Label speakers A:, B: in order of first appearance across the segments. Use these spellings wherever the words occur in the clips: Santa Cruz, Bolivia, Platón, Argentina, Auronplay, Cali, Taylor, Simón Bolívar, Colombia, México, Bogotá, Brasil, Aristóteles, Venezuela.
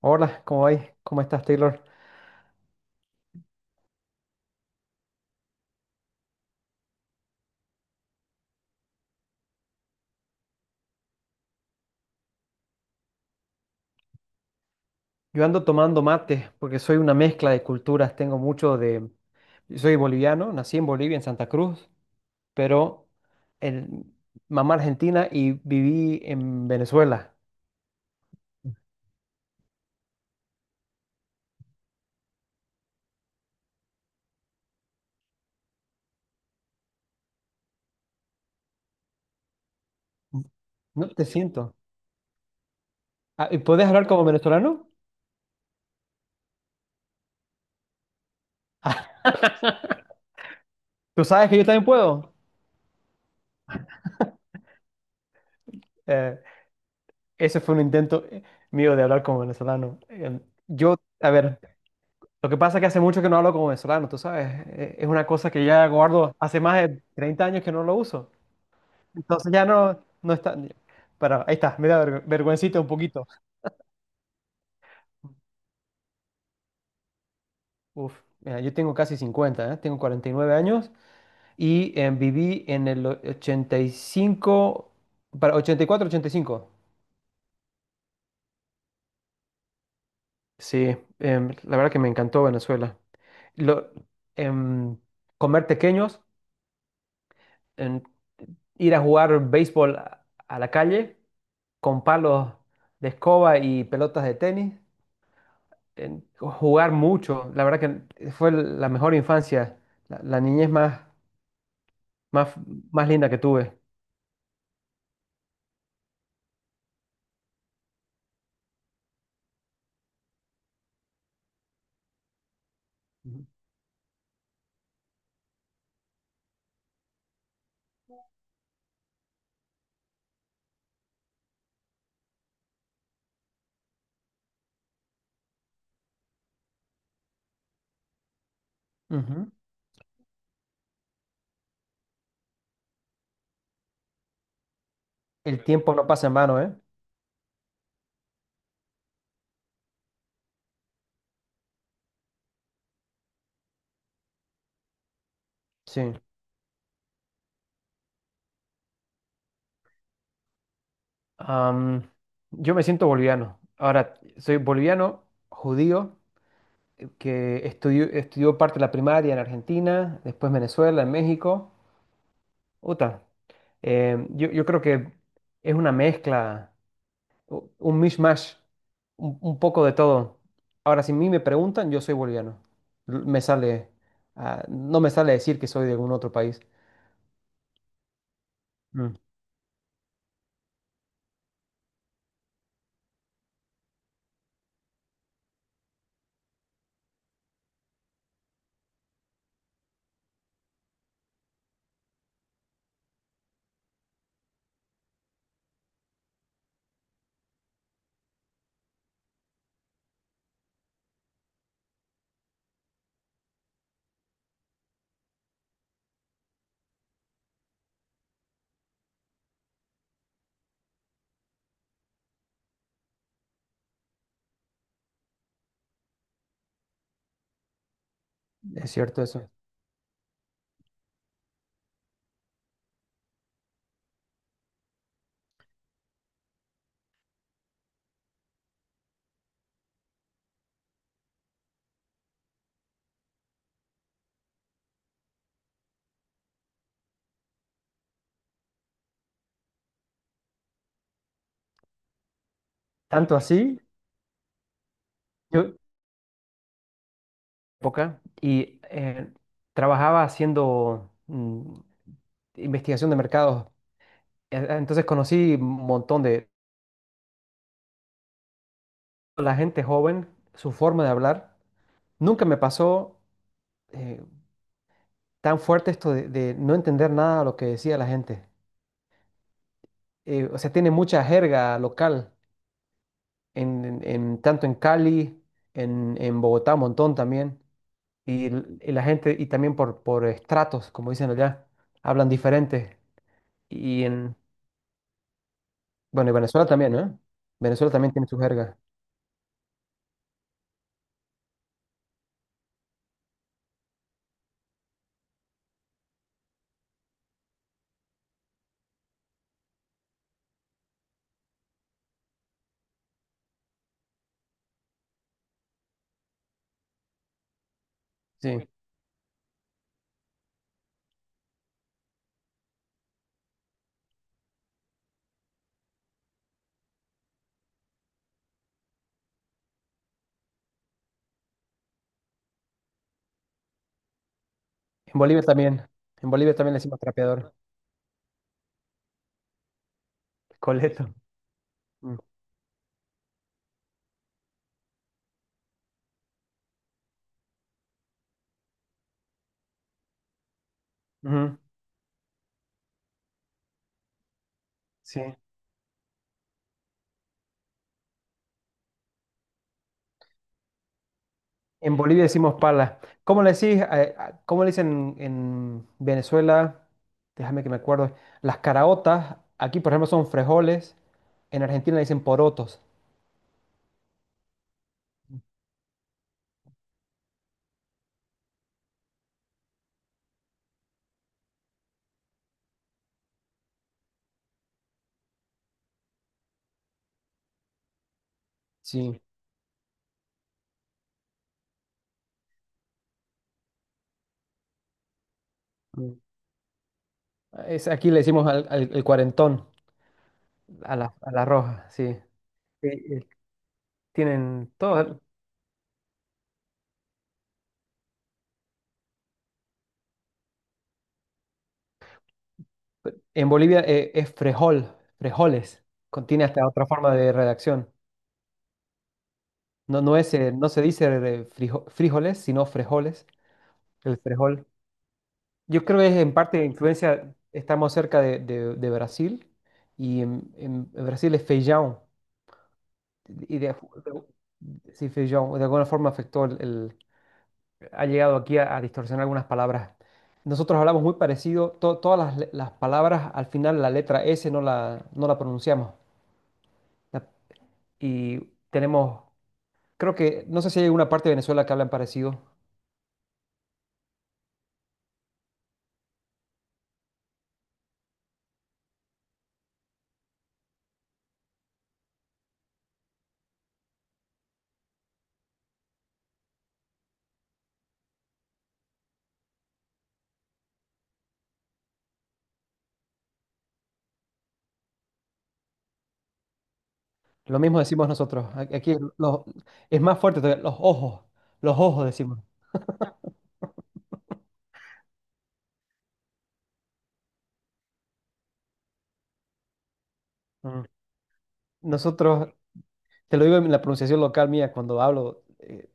A: Hola, ¿cómo vais? ¿Cómo estás, Taylor? Yo ando tomando mate porque soy una mezcla de culturas. Tengo mucho de... Soy boliviano, nací en Bolivia, en Santa Cruz, pero el... mamá argentina y viví en Venezuela. No te siento. ¿Podés hablar como venezolano? ¿Tú sabes que yo también puedo? Eh, Ese fue un intento mío de hablar como venezolano. Yo, a ver, lo que pasa es que hace mucho que no hablo como venezolano, tú sabes. Es una cosa que ya guardo hace más de 30 años que no lo uso. Entonces ya no está. Para, ahí está, me da vergüencita un poquito. Uf, mira, yo tengo casi 50, ¿eh? Tengo 49 años y viví en el ochenta y cinco, para ochenta y cuatro, ochenta y cinco. Sí, la verdad que me encantó Venezuela. Lo, em, Comer pequeños, em, ir a jugar béisbol a la calle con palos de escoba y pelotas de tenis. En jugar mucho. La verdad que fue la mejor infancia, la niñez más, más, más linda que tuve. Ujú. Ujú. El tiempo no pasa en vano, ¿eh? Sí. Am, yo me siento boliviano. Ahora, soy boliviano, judío, que estudió parte de la primaria en Argentina, después Venezuela, en México. Uta, yo creo que es una mezcla un mishmash, un poco de todo. Ahora, si a mí me preguntan, yo soy boliviano. Me sale, ah, no me sale decir que soy de algún otro país. Mm, es cierto eso. Tanto así, yo época y trabajaba haciendo investigación de mercados. Entonces conocí un montón de la gente joven, su forma de hablar. Nunca me pasó eh, tan fuerte esto de no entender nada de lo que decía la gente. O sea, tiene mucha jerga local, tanto en Cali, en Bogotá, un montón también, y la gente, y también por estratos, como dicen allá, hablan diferente, y en, bueno, y Venezuela también, ¿no? Venezuela también tiene su jerga, sí, en Bolivia también, le decimos trapeador, coleto. Mm. Ujú, sí, en Bolivia decimos pala, ¿cómo cómo le dicen en Venezuela? Déjame que me acuerdo. Las caraotas, aquí por ejemplo son frijoles, en Argentina le dicen porotos. Sí. Mm. Es, aquí le decimos el cuarentón, a a la roja, sí. Eh, tienen todo. En Bolivia es frejol, frejoles. Contiene hasta otra forma de redacción. No se dice frijoles, sino frejoles, el frejol. Yo creo que es en parte influencia, estamos cerca de Brasil y en Brasil es feijão. y de, sí, fui yo, de alguna forma afectó el ha llegado aquí a distorsionar algunas palabras. Nosotros hablamos muy parecido, todas las palabras, al final la letra S no no la pronunciamos. La- y Tenemos, creo que, no sé si hay alguna parte de Venezuela que hablan parecido. Lo mismo decimos nosotros. Aquí es más fuerte todavía, los ojos decimos. Ujú. Nosotros, te lo digo en la pronunciación local mía, cuando hablo, eh,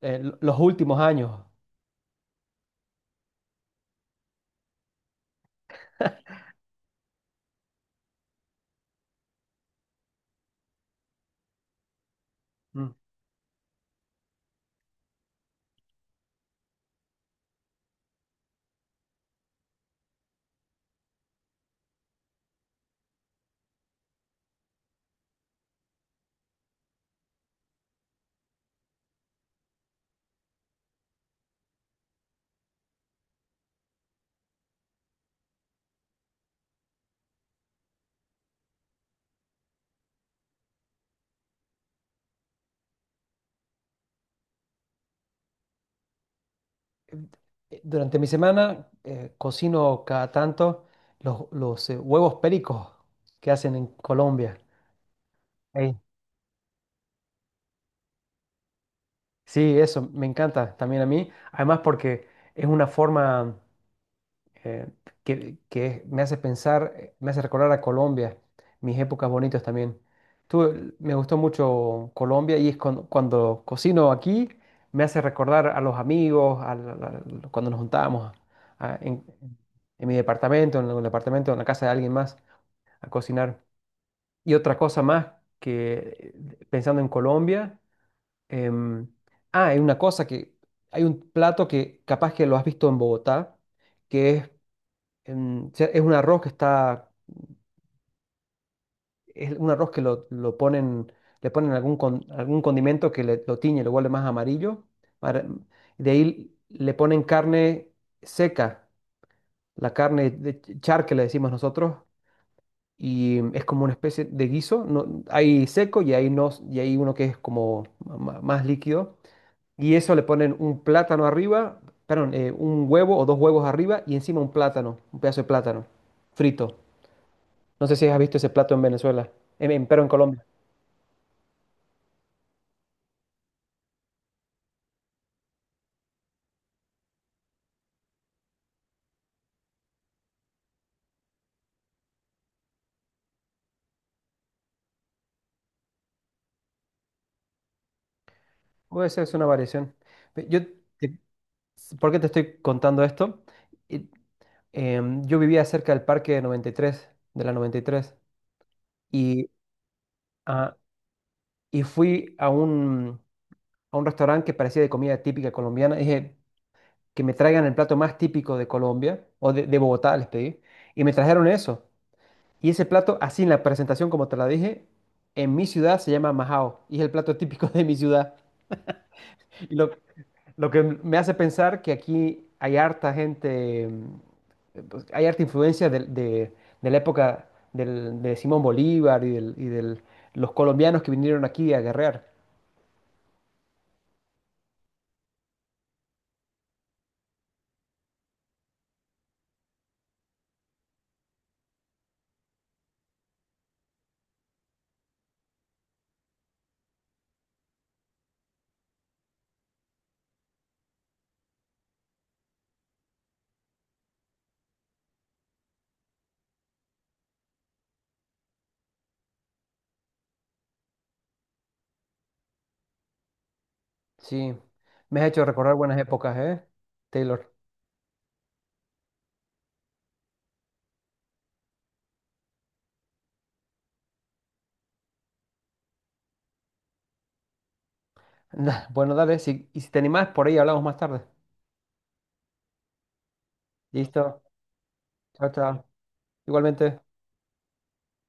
A: eh, lo- los últimos años. Durante mi semana cocino cada tanto huevos pericos que hacen en Colombia. Ey, sí, eso me encanta también a mí. Además porque es una forma eh, que me hace pensar, me hace recordar a Colombia, mis épocas bonitas también. Me gustó mucho Colombia y es cuando cocino aquí, me hace recordar a los amigos, a la- la- la- cuando nos juntábamos a- en, en mi departamento, en el departamento, en la casa de alguien más, a cocinar. Y otra cosa más pensando en Colombia, em, hay una cosa hay un plato que capaz que lo has visto en Bogotá, que es es un arroz es un arroz que lo ponen, le ponen algún condimento lo tiñe, lo vuelve más amarillo. para- de ahí le ponen carne seca, la carne de char que le decimos nosotros, y es como una especie de guiso. No, hay seco y hay uno que es como más líquido. Y eso le ponen un plátano arriba, perdón, un huevo o dos huevos arriba y encima un plátano, un pedazo de plátano frito. No sé si has visto ese plato en Venezuela, pero en Colombia. O esa es una variación. Pe- Yo, te- ¿Por qué te estoy contando esto? Y, yo vivía cerca del parque de 93, de la 93, y, tres, y, ah, y fui a un restaurante que parecía de comida típica colombiana. Dije que me traigan el plato más típico de Colombia, o de Bogotá, les pedí, y me trajeron eso. Y ese plato, así en la presentación, como te la dije, en mi ciudad se llama majao, y es el plato típico de mi ciudad. Y lo, Lo que me hace pensar que aquí hay harta gente, mm, pues, hay harta influencia de la época de Simón Bolívar y los colombianos que vinieron aquí a guerrear. Sí, me has hecho recordar buenas épocas, ¿eh? Taylor. Bueno, dale, si te animás, por ahí hablamos más tarde. Listo, chao, chao. Igualmente.